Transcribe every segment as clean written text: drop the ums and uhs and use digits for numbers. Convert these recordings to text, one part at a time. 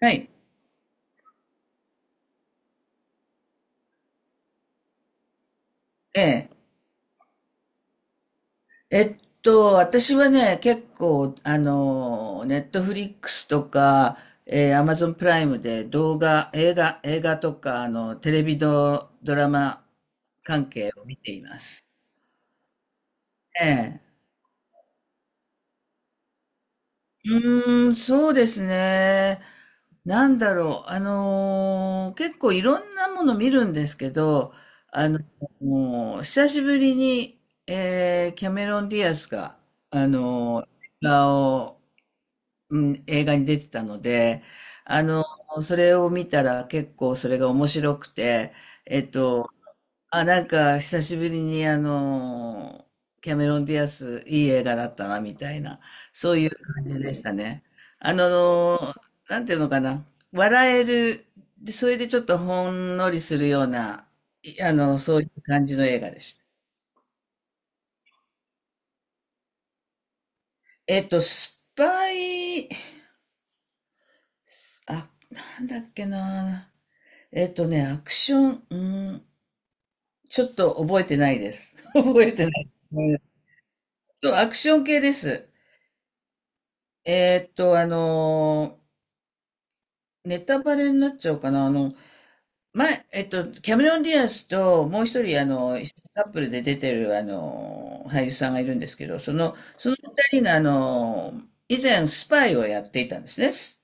はい。ええ。えっ私はね、結構、ネットフリックスとか、アマゾンプライムで動画、映画とか、テレビド、ドラマ関係を見ています。ええ。そうですね。なんだろう。結構いろんなもの見るんですけど、あの、もう久しぶりに、キャメロン・ディアスが、あの、映画をうん、映画に出てたので、あの、それを見たら結構それが面白くて、えっと、あ、なんか久しぶりにキャメロン・ディアス、いい映画だったな、みたいな、そういう感じでしたね。あの、なんていうのかな、笑える、でそれでちょっとほんのりするような、いあの、そういう感じの映画でした。スパイ、あ、なんだっけな。アクション、ちょっと覚えてないです。覚えてないですね。そう、アクション系です。えっと、あのネタバレになっちゃうかな。前、キャメロン・ディアスと、もう一人、一緒にカップルで出てる、俳優さんがいるんですけど、その二人が、以前、スパイをやっていたんですね。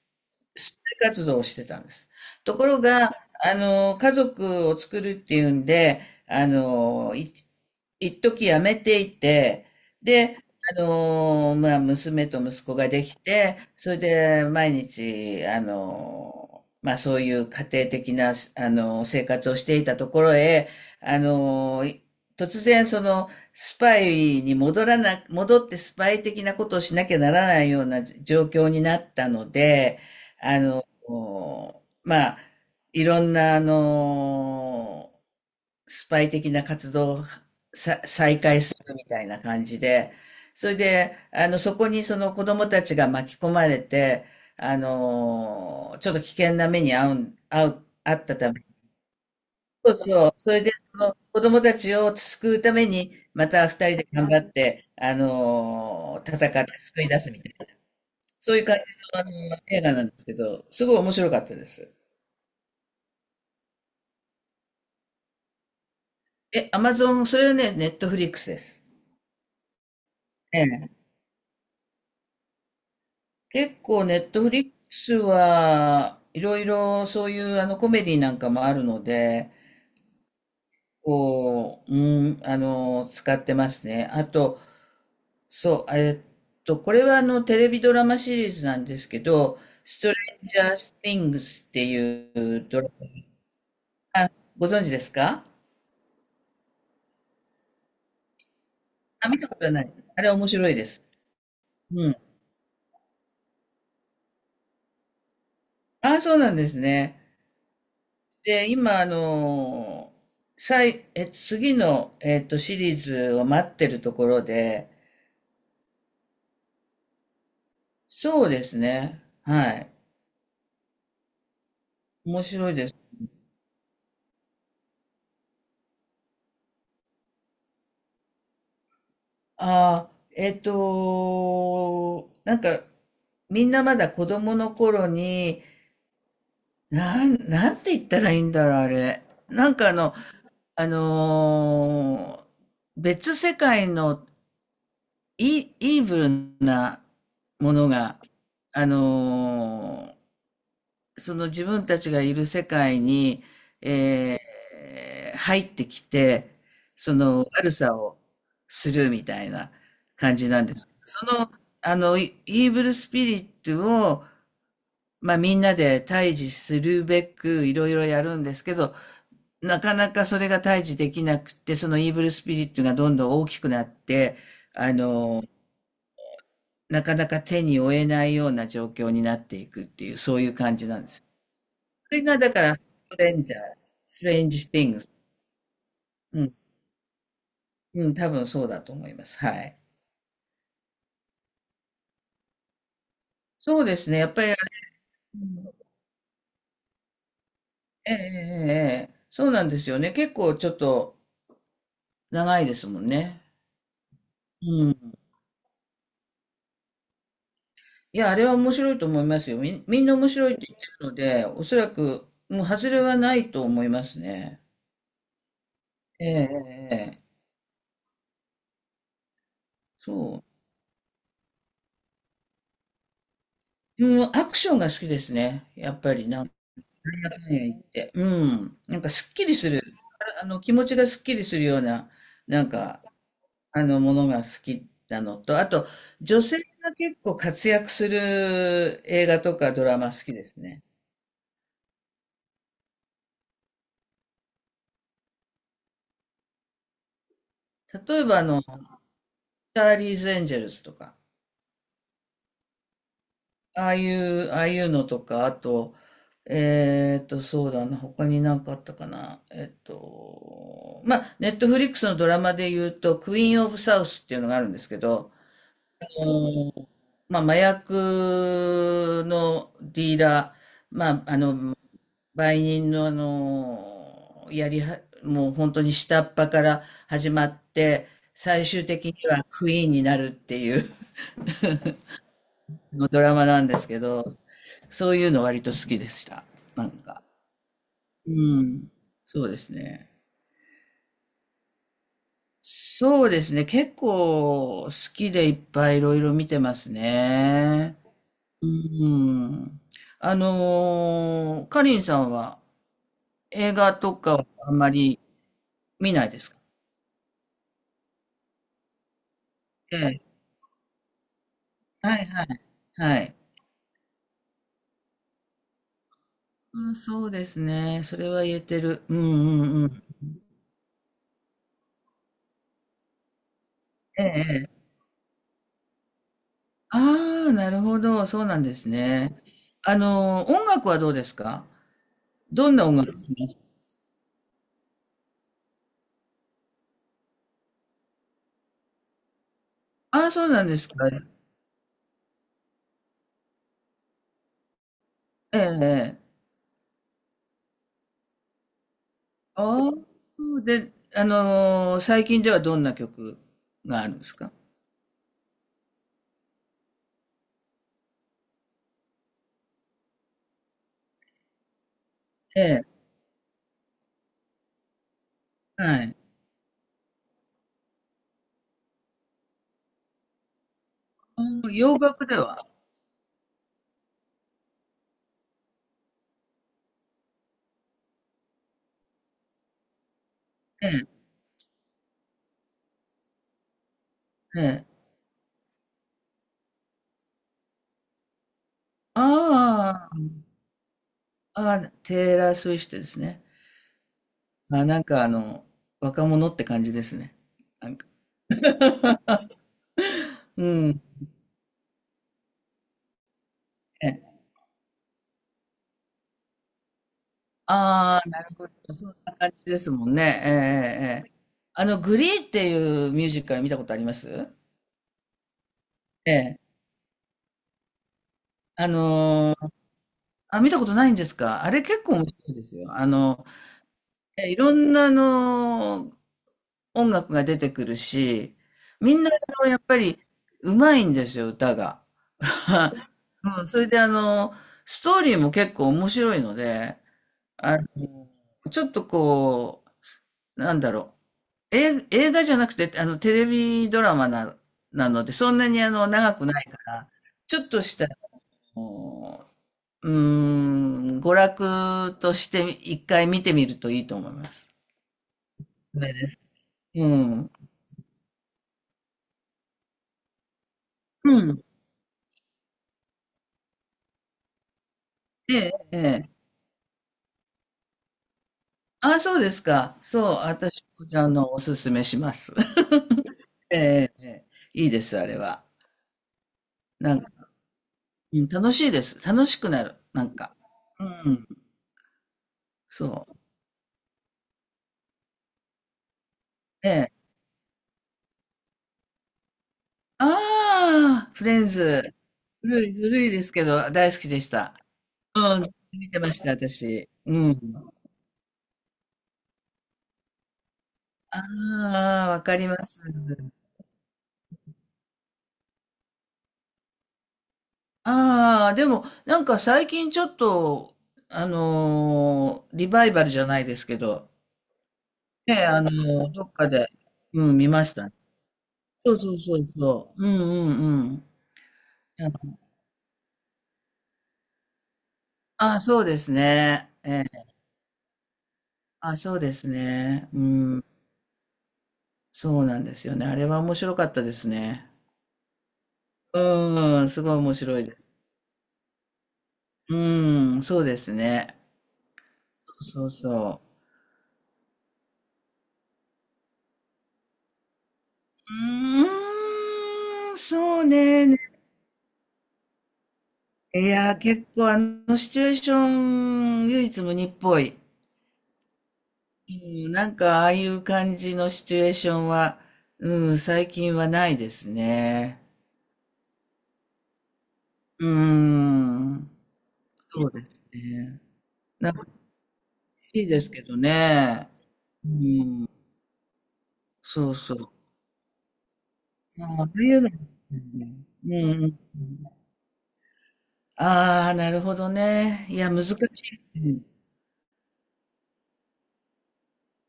スパイ活動をしてたんです。ところが、家族を作るっていうんで、あのー、い一時辞めていて、で、まあ、娘と息子ができて、それで毎日、まあ、そういう家庭的な、生活をしていたところへ、あの、突然、スパイに戻らな、戻ってスパイ的なことをしなきゃならないような状況になったので、あの、まあ、いろんな、スパイ的な活動を再開するみたいな感じで、それで、そこにその子供たちが巻き込まれて、ちょっと危険な目に遭ったため、そうそう、それで、その子供たちを救うために、また二人で頑張って、戦って救い出すみたいな、そういう感じの、映画なんですけど、すごい面白かったです。え、アマゾン、それはね、ネットフリックスです。ええ、結構ネットフリックスはいろいろそういうコメディなんかもあるので、うん、使ってますね。あと、そう、これはテレビドラマシリーズなんですけど、ストレンジャースティングスっていうドラマ、ご存知ですか？あ、見たことない。あれ面白いです。うん。ああ、そうなんですね。で、今、次の、シリーズを待ってるところでそうですね。はい。面白いです。ああ、なんか、みんなまだ子供の頃に、なんて言ったらいいんだろう、あれ。なんかあのー別世界のイーブルなものが、あのーその自分たちがいる世界に、えー入ってきて、その悪さをするみたいな感じなんですけど。イーブルスピリットを、まあみんなで対峙するべくいろいろやるんですけど、なかなかそれが対峙できなくて、そのイーブルスピリットがどんどん大きくなって、あの、なかなか手に負えないような状況になっていくっていう、そういう感じなんです。それがだから、トレンジャー、ストレンジスティングス。うん。うん、多分そうだと思います。はい。そうですね。やっぱりあれ、ええええええ、そうなんですよね。結構ちょっと長いですもんね。うん。いや、あれは面白いと思いますよ。みんな面白いって言ってるので、おそらく、もう外れはないと思いますね。ええええええ、そう。うん、アクションが好きですね。やっぱりなんねえって、いや、うん。なんかすっきりする。気持ちがすっきりするような、なんか、ものが好きなのと、あと、女性が結構活躍する映画とかドラマ好きですね。例えば、チャーリーズ・エンジェルスとか、ああいうのとか、あと、そうだな、他になんかあったかな。まあ、ネットフリックスのドラマで言うと、クイーン・オブ・サウスっていうのがあるんですけど、まあ、麻薬のディーラー、まあ、売人のやりは、もう本当に下っ端から始まって、最終的にはクイーンになるっていう のドラマなんですけど、そういうの割と好きでした。なんか。うん。そうですね。そうですね。結構好きでいっぱいいろいろ見てますね。うーん。かりんさんは映画とかはあんまり見ないですか？ええ。はいはい。はい。あ、そうですね。それは言えてる。うんうんうん。ええ。ああ、なるほど。そうなんですね。音楽はどうですか？どんな音楽ですか？ああ、そうなんですか。ええ。ええ、ああ、で、最近ではどんな曲があるんですか？ええ。はい。あ洋楽では、ええ、ええ。ああ、ああ、テイラー・スウィフトですね。あ、なんか若者って感じですね。なんか。 うん。ええ、ああ、なるほど。そんな感じですもんね。ええ、ええ。ええ、グリーっていうミュージカル見たことあります？ええ。あのーあ、見たことないんですか？あれ結構面白いですよ。いろんな音楽が出てくるし、みんなやっぱりうまいんですよ、歌が。うん、それでストーリーも結構面白いので、あちょっとなんだろう、映画じゃなくて、テレビドラマなので、そんなに長くないから、ちょっとした、あの娯楽として一回見てみるといいと思います。それで、うん。うん。ええ、ええ。あ、そうですか。そう、私も、おすすめします。ええ、ええ、いいです、あれは。なんか、うん、楽しいです。楽しくなる、なんか。うん、そう。えああ、フレンズ。古いですけど、大好きでした。うん、見てました、私。うん。ああ、わかります。ああ、でも、なんか最近ちょっと、リバイバルじゃないですけど、ね、どっかで、うん、見ました。そうそうそうそう。うんうんうん。ああ、そうですね。あ、そうですね。うん。そうなんですよね。あれは面白かったですね。うん、すごい面白いです。うん、そうですね。そうそう。うーん、そうね。いや、結構シチュエーション、唯一無二っぽい。うん、なんかああいう感じのシチュエーションは、うん、最近はないですね。うん、そうですね。なんか欲しいですけどね。うん。そうそう。ああ、ああいうのですね。うんうんうん。ああ、なるほどね。いや、難しい。うん。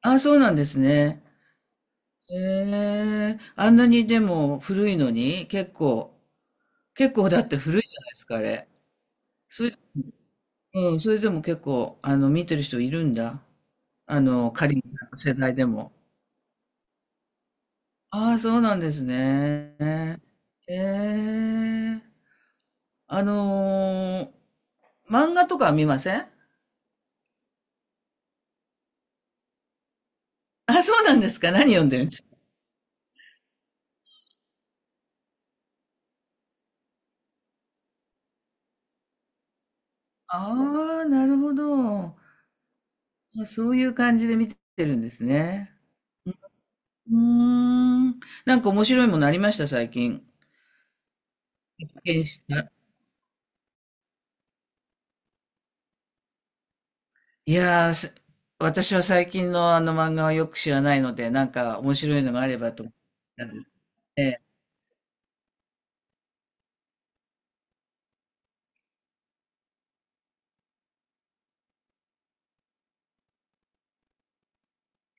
ああ、そうなんですね。へえ。あんなにでも古いのに、結構だって古いじゃないですか、あれ。それ、うん、それでも結構、見てる人いるんだ。仮に世代でも。ああ、そうなんですね。ええ。あのー漫画とかは見ません？あ、そうなんですか。何読んでるんですか。ああ、なるほど。あ、そういう感じで見てるんですね。うーん。なんか面白いものありました、最近。発見した。いやー、私は最近の漫画はよく知らないので、なんか面白いのがあればと思ったんです。ええ、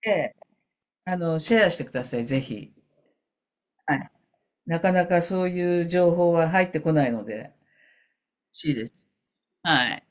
ええ、シェアしてください、ぜひ。はい。なかなかそういう情報は入ってこないので、欲しいです。はい。